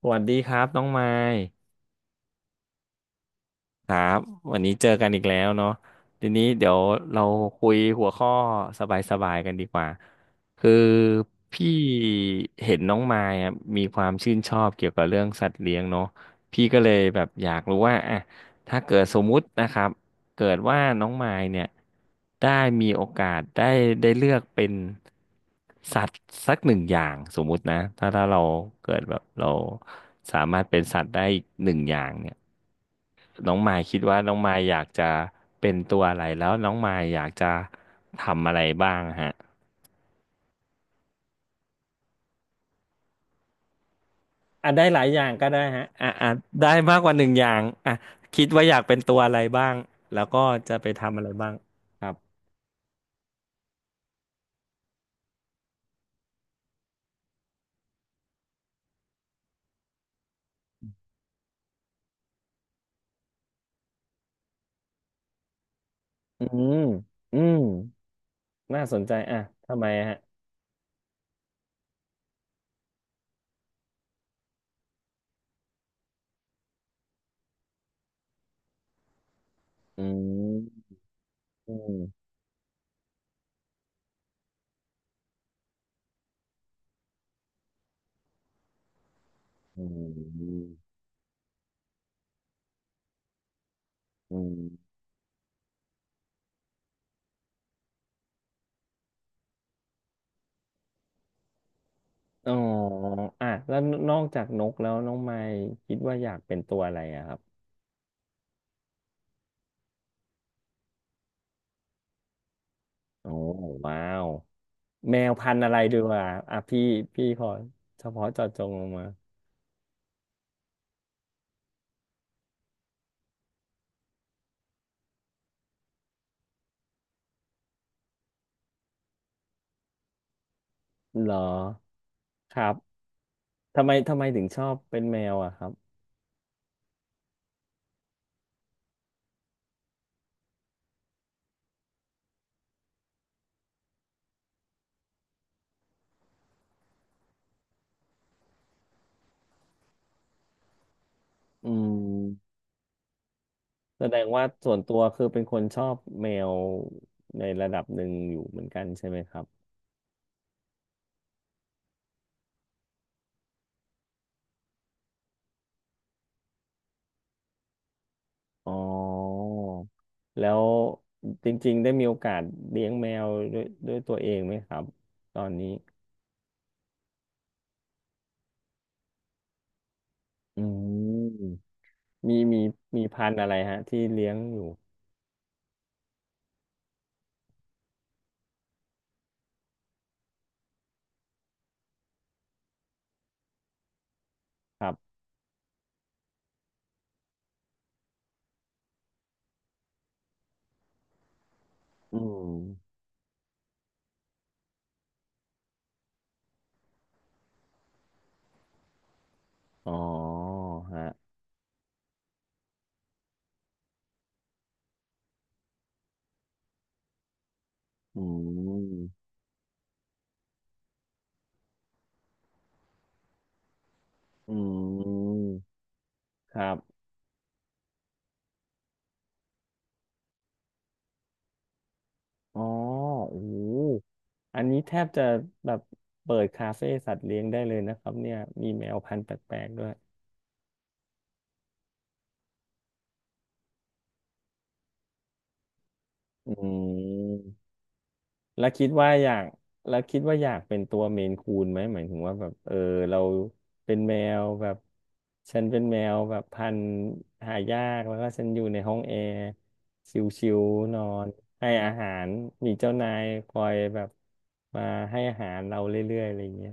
สวัสดีครับน้องไมค์ ครับวันนี้เจอกันอีกแล้วเนาะทีนี้เดี๋ยวเราคุยหัวข้อสบายๆกันดีกว่าคือพี่เห็นน้องมายอะมีความชื่นชอบเกี่ยวกับเรื่องสัตว์เลี้ยงเนาะพี่ก็เลยแบบอยากรู้ว่าอ่ะถ้าเกิดสมมุตินะครับเกิดว่าน้องมายเนี่ยได้มีโอกาสได้เลือกเป็นสัตว์สักหนึ่งอย่างสมมุตินะถ้าเราเกิดแบบเราสามารถเป็นสัตว์ได้อีกหนึ่งอย่างเนี่ย น้องมายคิดว่าน้องมายอยากจะเป็นตัวอะไรแล้วน้องมายอยากจะทำอะไรบ้างฮะอ่ะได้หลายอย่างก็ได้ฮะอ่ะได้มากกว่าหนึ่งอย่างอ่ะคิดว่าอยากเป็นตัวอะไรบ้างแล้วก็จะไปทำอะไรบ้างครับอืมอืมน่าสนใจอ่ะทำไมฮะอืมอืมอืมอืมอ๋ออ่ะแล้วนอกจากนกแล้วน้องไมค์คิดว่าอยากเป็นตัวอะไรอะครับโอ้ว้าว แมวพันธุ์อะไรดีกว่าอ่ะพี่ขอเฉพาะเจาะจงลงมาเหรอครับทำไมถึงชอบเป็นแมวอะครับอืมแสดงว่าส่วนตัวคือเป็นคนชอบแมวในระดับหนึ่งอยู่เหมือนกันใช่ไหมครับอ๋อแล้วจริงๆได้มีโอกาสเลี้ยงแมวด้วยตัวเองไหมครับตอนนี้อืมมีมีพันธุ์อะไรฮะที่เลี้ยงอยู่ครับอืม อ๋อฮะอืมอืมครับ อ๋อโอ้โหอันนี้แทบจะแบบเปิดคาเฟ่สัตว์เลี้ยงได้เลยนะครับเนี่ยมีแมวพันธุ์แปลกๆด้วยอืม แล้วคิดว่าอยากแล้วคิดว่าอยากเป็นตัวเมนคูนไหมหมายถึงว่าแบบเออเราเป็นแมวแบบฉันเป็นแมวแบบพันธุ์หายากแล้วก็ฉันอยู่ในห้องแอร์ชิวๆนอนให้อาหารมีเจ้านายคอยแบบมาให้อาหารเราเรื่อยๆอะไรอย่างเงี้ย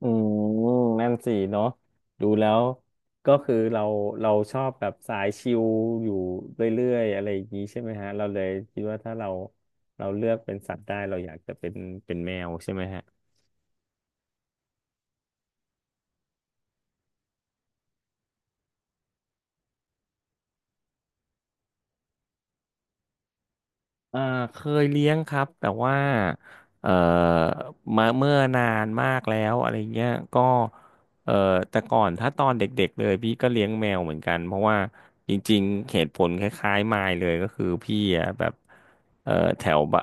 อืมนั่นสิเนาะดูแล้วก็คือเราชอบแบบสายชิลอยู่เรื่อยๆอะไรอย่างนี้ใช่ไหมฮะเราเลยคิดว่าถ้าเราเราเลือกเป็นสัตว์ได้เราอยากจะเป็นเป็นแมวใช่ไหมฮะ เอ่อเคยเลี้ยงครับแต่ว่าเอ่อมาเมื่อนานมากแล้วอะไรเงี้ยก็เอ่อแต่ก่อนถ้าตอนเด็กๆเลยพี่ก็เลี้ยงแมวเหมือนกันเพราะว่าจริงๆเหตุผลคล้ายๆมายเลยก็คือพี่อะแบบเอ่อแถวบะ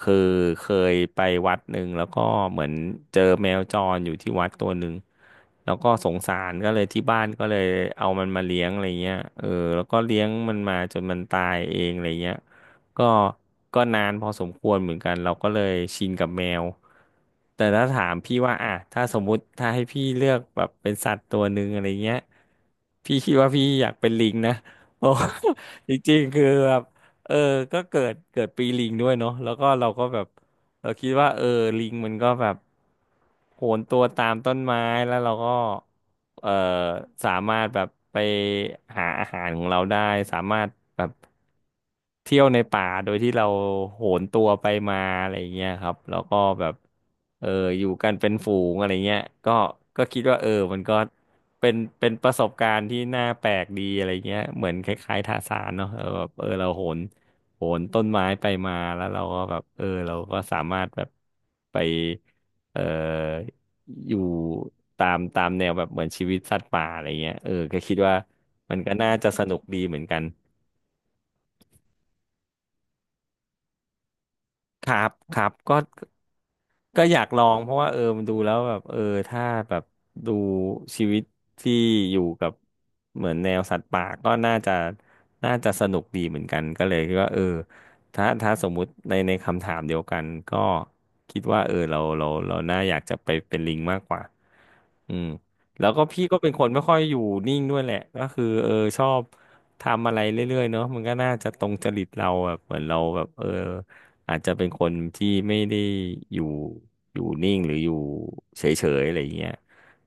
คือเคยไปวัดหนึ่งแล้วก็เหมือนเจอแมวจรอยู่ที่วัดตัวหนึ่งแล้วก็สงสารก็เลยที่บ้านก็เลยเอามันมาเลี้ยงอะไรเงี้ยเออแล้วก็เลี้ยงมันมาจนมันตายเองอะไรเงี้ย ก็ก็นานพอสมควรเหมือนกันเราก็เลยชินกับแมวแต่ถ้าถามพี่ว่าอ่ะถ้าสมมุติถ้าให้พี่เลือกแบบเป็นสัตว์ตัวหนึ่งอะไรเงี้ยพี่คิดว่าพี่อยากเป็นลิงนะ เพราะว่า จริงๆคือแบบเออก็เกิดปีลิงด้วยเนาะแล้วก็เราก็แบบ เราคิดว่าเออลิงมันก็แบบโหนตัวตามต้นไม้แล้วเราก็เออสามารถแบบไปหาอาหารของเราได้สามารถแบบเที่ยวในป่าโดยที่เราโหนตัวไปมาอะไรอย่างเงี้ยครับแล้วก็แบบเอออยู่กันเป็นฝูงอะไรเงี้ยก็ก็คิดว่าเออมันก็เป็นเป็นประสบการณ์ที่น่าแปลกดีอะไรเงี้ยเหมือนคล้ายๆทาสานเนาะเออแบบเออเราโหน โหนต้นไม้ไปมาแล้วเราก็แบบเออเราก็สามารถแบบไปเอ่ออยู่ตามตามแนวแบบเหมือนชีวิตสัตว์ป่าอะไรเงี้ยเออก็คิดว่ามันก็น่าจะสนุกดีเหมือนกันครับก็ ก็อยากลองเพราะว่าเออมันดูแล้วแบบเออถ้าแบบดูชีวิตที่อยู่กับเหมือนแนวสัตว์ป่าก็น่าจะน่าจะสนุกดีเหมือนกันก็เลยคิดว่าเออถ้าสมมุติในคำถามเดียวกันก็คิดว่าเออเราน่าอยากจะไปเป็นลิงมากกว่าอืมแล้วก็พี่ก็เป็นคนไม่ค่อยอยู่นิ่งด้วยแหละก็คือเออชอบ ทำอะไรเรื่อยๆเนาะมันก็น่าจะตรงจริตเราแบบเหมือนเราแบบเอออาจจะเป็นคนที่ไม่ได้อยู่อยู่นิ่งหรืออยู่เฉยๆอะไรอย่างเงี้ย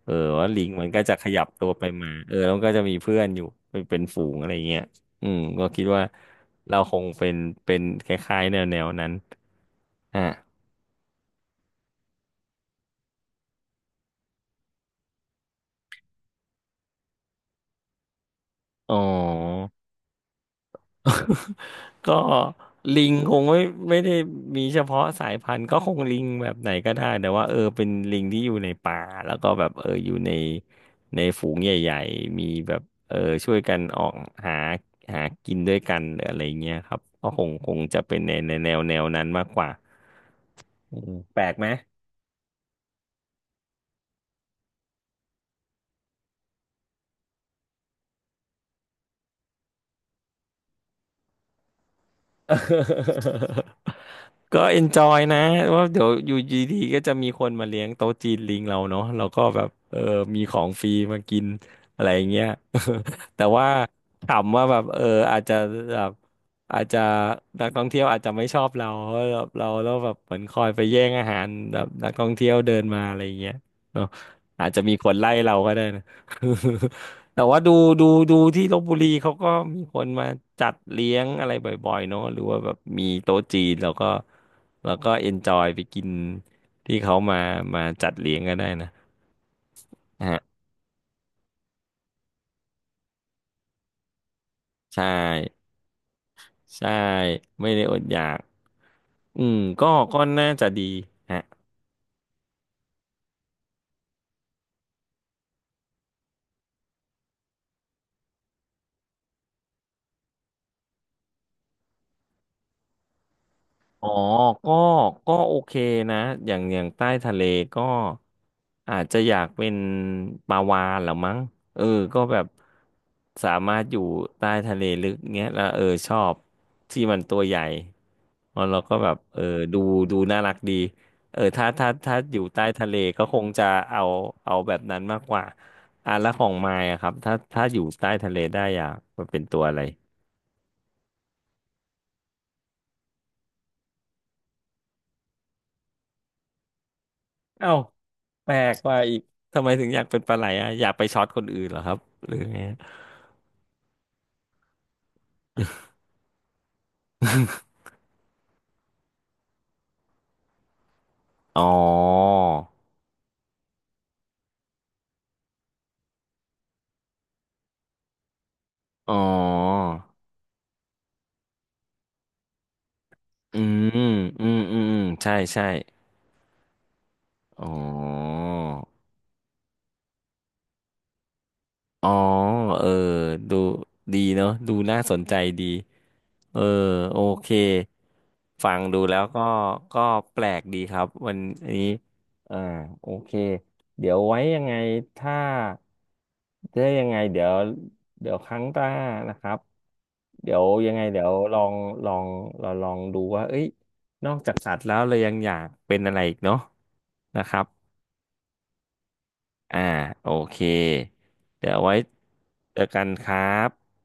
เออว่าลิงมันก็จะขยับตัวไปมาเออแล้วมันก็จะมีเพื่อนอยู่เป็นเป็นฝูงอะไรอย่างเงี้ยอืมก็คิดว่าเราคงเป็นเป็นคล้ายๆแนวๆนั้นอ่ะอ๋อ ก็ลิงคงไม่ได้มีเฉพาะสายพันธุ์ก็คงลิงแบบไหนก็ได้แต่ว่าเป็นลิงที่อยู่ในป่าแล้วก็แบบอยู่ในฝูงใหญ่ๆมีแบบเออช่วยกันออกหาหากินด้วยกันหรืออะไรเงี้ยครับก็คงจะเป็นในแนวนั้นมากกว่าอืมแปลกไหม ก็เอนจอยนะว่าเดี๋ยวอยู่ดีๆก็จะมีคนมาเลี้ยงโต๊ะจีนลิงเราเนาะเราก็แบบมีของฟรีมากินอะไรอย่างเงี้ย แต่ว่าถามว่าแบบอาจจะแบบอาจจะนักท่องเที่ยวอาจจะไม่ชอบเราเพราะแบบเราแล้วแบบเหมือนคอยไปแย่งอาหารแบบนักท่องเที่ยวเดินมาอะไรอย่างเงี้ยเนาะอาจจะมีคนไล่เราก็ได้นะ แต่ว่าดูดูที่ลพบุรีเขาก็มีคนมาจัดเลี้ยงอะไรบ่อยๆเนอะหรือว่าแบบมีโต๊ะจีนแล้วก็เอนจอยไปกินที่เขามาจัดเลี้ยงก็ได้นะฮะใช่ใช่ไม่ได้อดอยากอืมก็น่าจะดีฮะ อ๋อก็ก็โอเคนะอย่างใต้ทะเลก็อาจจะอยากเป็นปลาวาฬเหรือมั้งเออก็แบบสามารถอยู่ใต้ทะเลลึกเงี้ยแล้วชอบที่มันตัวใหญ่แล้วเราก็แบบดูดูน่ารักดีถ้าอยู่ใต้ทะเลก็คงจะเอาเอาแบบนั้นมากกว่าอ่ะแล้วของมายอะครับถ้าอยู่ใต้ทะเลได้อยากมันเป็นตัวอะไร เอ้าแปลกว่าอีกทำไมถึงอยากเป็นปลาไหลอ่ะอยากไปช็อตคนอื่นเหรอครับหรือไง อ๋ออ๋ออืมอืมอืมอืมใช่ใช่อ๋ออ๋อเออดูดีเนาะดูน่าสนใจดี เออโอเคฟังดูแล้วก็ก็แปลกดีครับวันนี้อ่าโอเคเดี๋ยวไว้ยังไงถ้าถ้ายังไงเดี๋ยวครั้งหน้านะครับเดี๋ยวยังไงเดี๋ยวลองเราลองดูว่าเอ้ยนอกจากสัตว์แล้วเรายังอยากเป็นอะไรอีกเนาะนะครับอ่าโอเคเดี๋ยวไว้เจอกันครับ